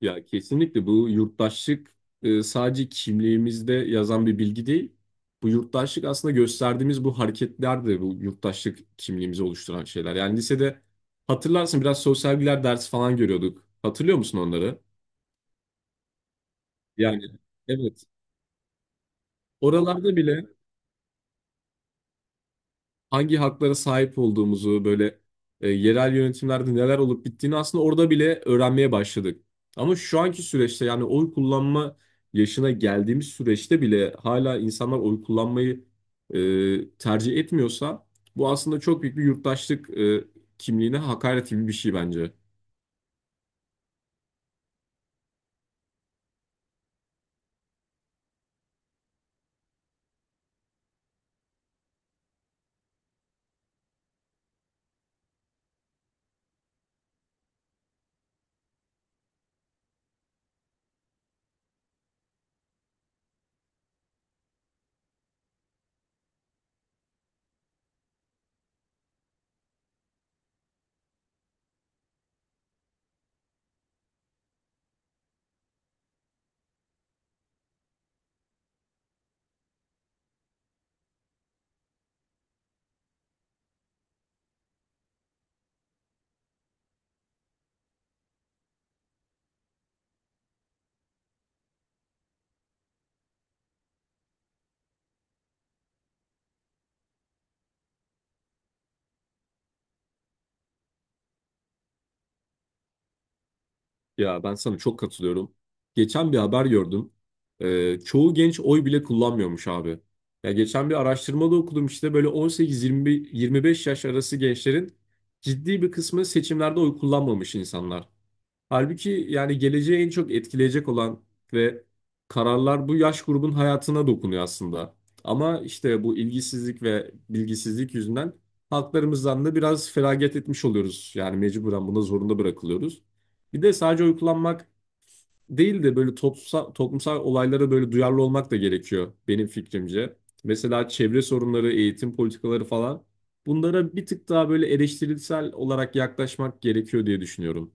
Ya kesinlikle bu yurttaşlık sadece kimliğimizde yazan bir bilgi değil. Bu yurttaşlık aslında gösterdiğimiz bu hareketler de bu yurttaşlık kimliğimizi oluşturan şeyler. Yani lisede hatırlarsın biraz sosyal bilgiler dersi falan görüyorduk. Hatırlıyor musun onları? Yani evet. Oralarda bile hangi haklara sahip olduğumuzu böyle yerel yönetimlerde neler olup bittiğini aslında orada bile öğrenmeye başladık. Ama şu anki süreçte yani oy kullanma yaşına geldiğimiz süreçte bile hala insanlar oy kullanmayı tercih etmiyorsa bu aslında çok büyük bir yurttaşlık kimliğine hakaret gibi bir şey bence. Ya ben sana çok katılıyorum. Geçen bir haber gördüm. Çoğu genç oy bile kullanmıyormuş abi. Ya geçen bir araştırmada okudum işte böyle 18-25 yaş arası gençlerin ciddi bir kısmı seçimlerde oy kullanmamış insanlar. Halbuki yani geleceği en çok etkileyecek olan ve kararlar bu yaş grubun hayatına dokunuyor aslında. Ama işte bu ilgisizlik ve bilgisizlik yüzünden haklarımızdan da biraz feragat etmiş oluyoruz. Yani mecburen buna zorunda bırakılıyoruz. Bir de sadece uykulanmak değil de böyle toplumsal olaylara böyle duyarlı olmak da gerekiyor benim fikrimce. Mesela çevre sorunları, eğitim politikaları falan bunlara bir tık daha böyle eleştirisel olarak yaklaşmak gerekiyor diye düşünüyorum.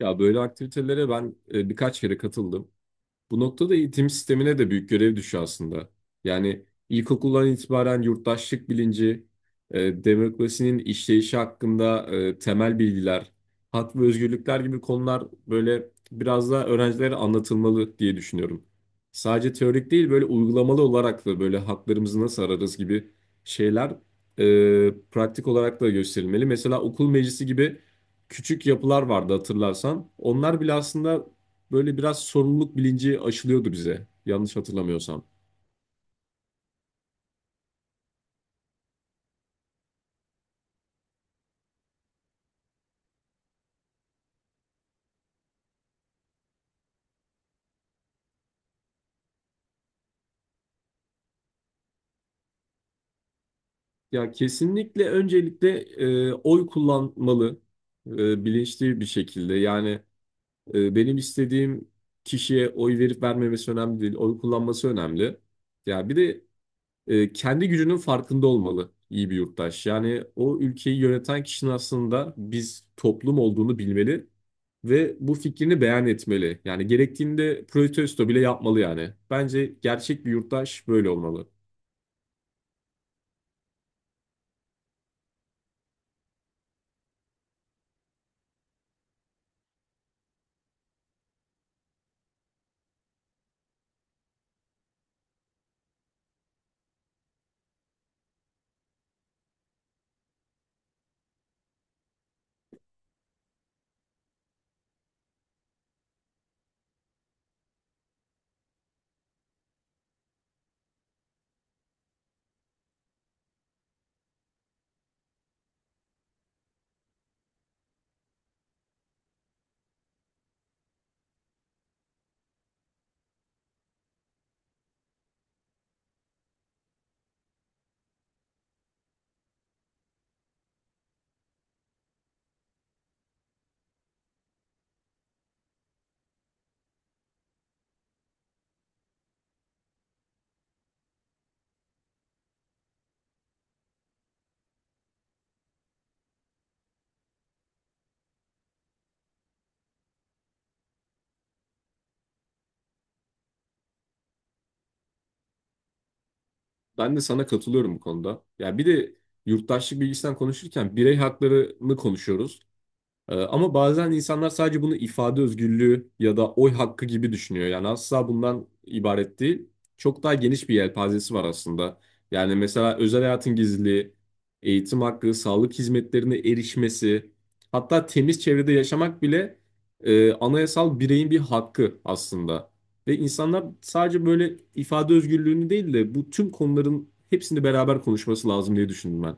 Ya böyle aktivitelere ben birkaç kere katıldım. Bu noktada eğitim sistemine de büyük görev düşüyor aslında. Yani ilkokuldan itibaren yurttaşlık bilinci, demokrasinin işleyişi hakkında temel bilgiler, hak ve özgürlükler gibi konular böyle biraz daha öğrencilere anlatılmalı diye düşünüyorum. Sadece teorik değil böyle uygulamalı olarak da böyle haklarımızı nasıl ararız gibi şeyler pratik olarak da gösterilmeli. Mesela okul meclisi gibi küçük yapılar vardı hatırlarsan. Onlar bile aslında böyle biraz sorumluluk bilinci aşılıyordu bize. Yanlış hatırlamıyorsam. Ya kesinlikle öncelikle oy kullanmalı bilinçli bir şekilde. Yani benim istediğim kişiye oy verip vermemesi önemli değil. Oy kullanması önemli. Ya bir de kendi gücünün farkında olmalı iyi bir yurttaş. Yani o ülkeyi yöneten kişinin aslında biz toplum olduğunu bilmeli ve bu fikrini beyan etmeli. Yani gerektiğinde protesto bile yapmalı yani. Bence gerçek bir yurttaş böyle olmalı. Ben de sana katılıyorum bu konuda. Ya bir de yurttaşlık bilgisinden konuşurken birey haklarını konuşuyoruz. Ama bazen insanlar sadece bunu ifade özgürlüğü ya da oy hakkı gibi düşünüyor. Yani asla bundan ibaret değil. Çok daha geniş bir yelpazesi var aslında. Yani mesela özel hayatın gizliliği, eğitim hakkı, sağlık hizmetlerine erişmesi, hatta temiz çevrede yaşamak bile anayasal bireyin bir hakkı aslında. Ve insanlar sadece böyle ifade özgürlüğünü değil de bu tüm konuların hepsini beraber konuşması lazım diye düşündüm ben.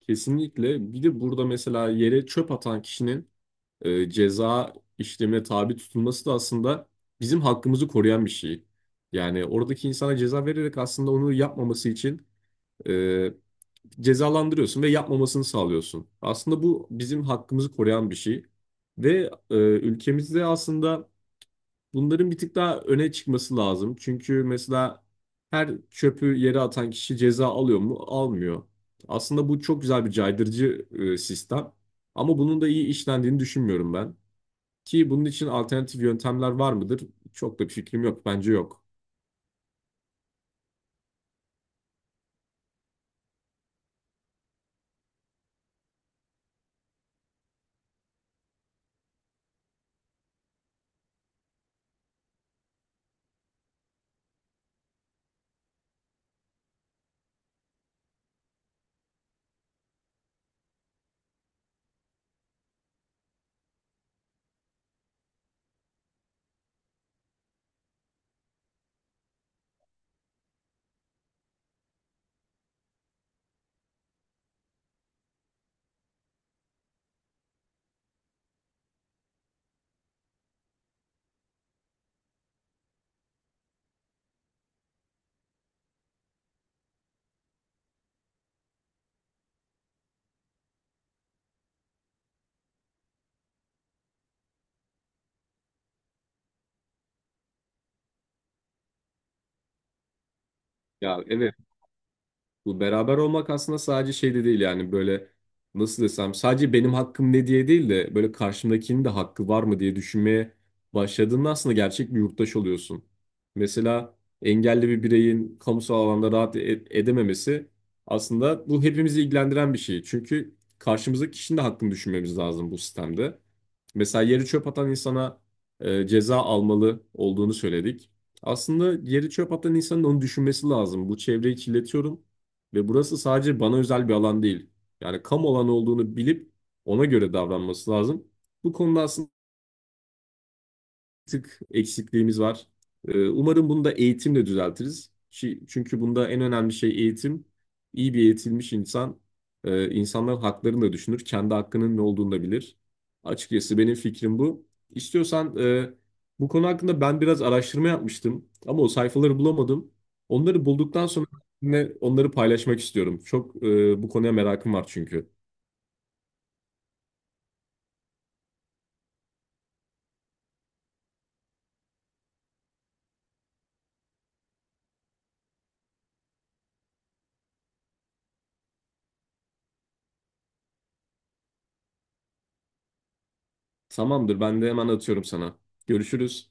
Kesinlikle. Bir de burada mesela yere çöp atan kişinin ceza işlemine tabi tutulması da aslında bizim hakkımızı koruyan bir şey. Yani oradaki insana ceza vererek aslında onu yapmaması için e, cezalandırıyorsun ve yapmamasını sağlıyorsun. Aslında bu bizim hakkımızı koruyan bir şey. Ve ülkemizde aslında bunların bir tık daha öne çıkması lazım. Çünkü mesela her çöpü yere atan kişi ceza alıyor mu? Almıyor. Aslında bu çok güzel bir caydırıcı sistem. Ama bunun da iyi işlendiğini düşünmüyorum ben. Ki bunun için alternatif yöntemler var mıdır? Çok da bir fikrim yok. Bence yok. Ya evet, bu beraber olmak aslında sadece şey de değil yani böyle nasıl desem sadece benim hakkım ne diye değil de böyle karşımdakinin de hakkı var mı diye düşünmeye başladığında aslında gerçek bir yurttaş oluyorsun. Mesela engelli bir bireyin kamusal alanda rahat edememesi aslında bu hepimizi ilgilendiren bir şey. Çünkü karşımızdaki kişinin de hakkını düşünmemiz lazım bu sistemde. Mesela yeri çöp atan insana ceza almalı olduğunu söyledik. Aslında yeri çöp atan insanın onu düşünmesi lazım. Bu çevreyi kirletiyorum ve burası sadece bana özel bir alan değil. Yani kamu alanı olduğunu bilip ona göre davranması lazım. Bu konuda aslında tık eksikliğimiz var. Umarım bunu da eğitimle düzeltiriz. Çünkü bunda en önemli şey eğitim. İyi bir eğitilmiş insan, insanların haklarını da düşünür, kendi hakkının ne olduğunu da bilir. Açıkçası benim fikrim bu. İstiyorsan bu konu hakkında ben biraz araştırma yapmıştım ama o sayfaları bulamadım. Onları bulduktan sonra yine onları paylaşmak istiyorum. Çok bu konuya merakım var çünkü. Tamamdır, ben de hemen atıyorum sana. Görüşürüz.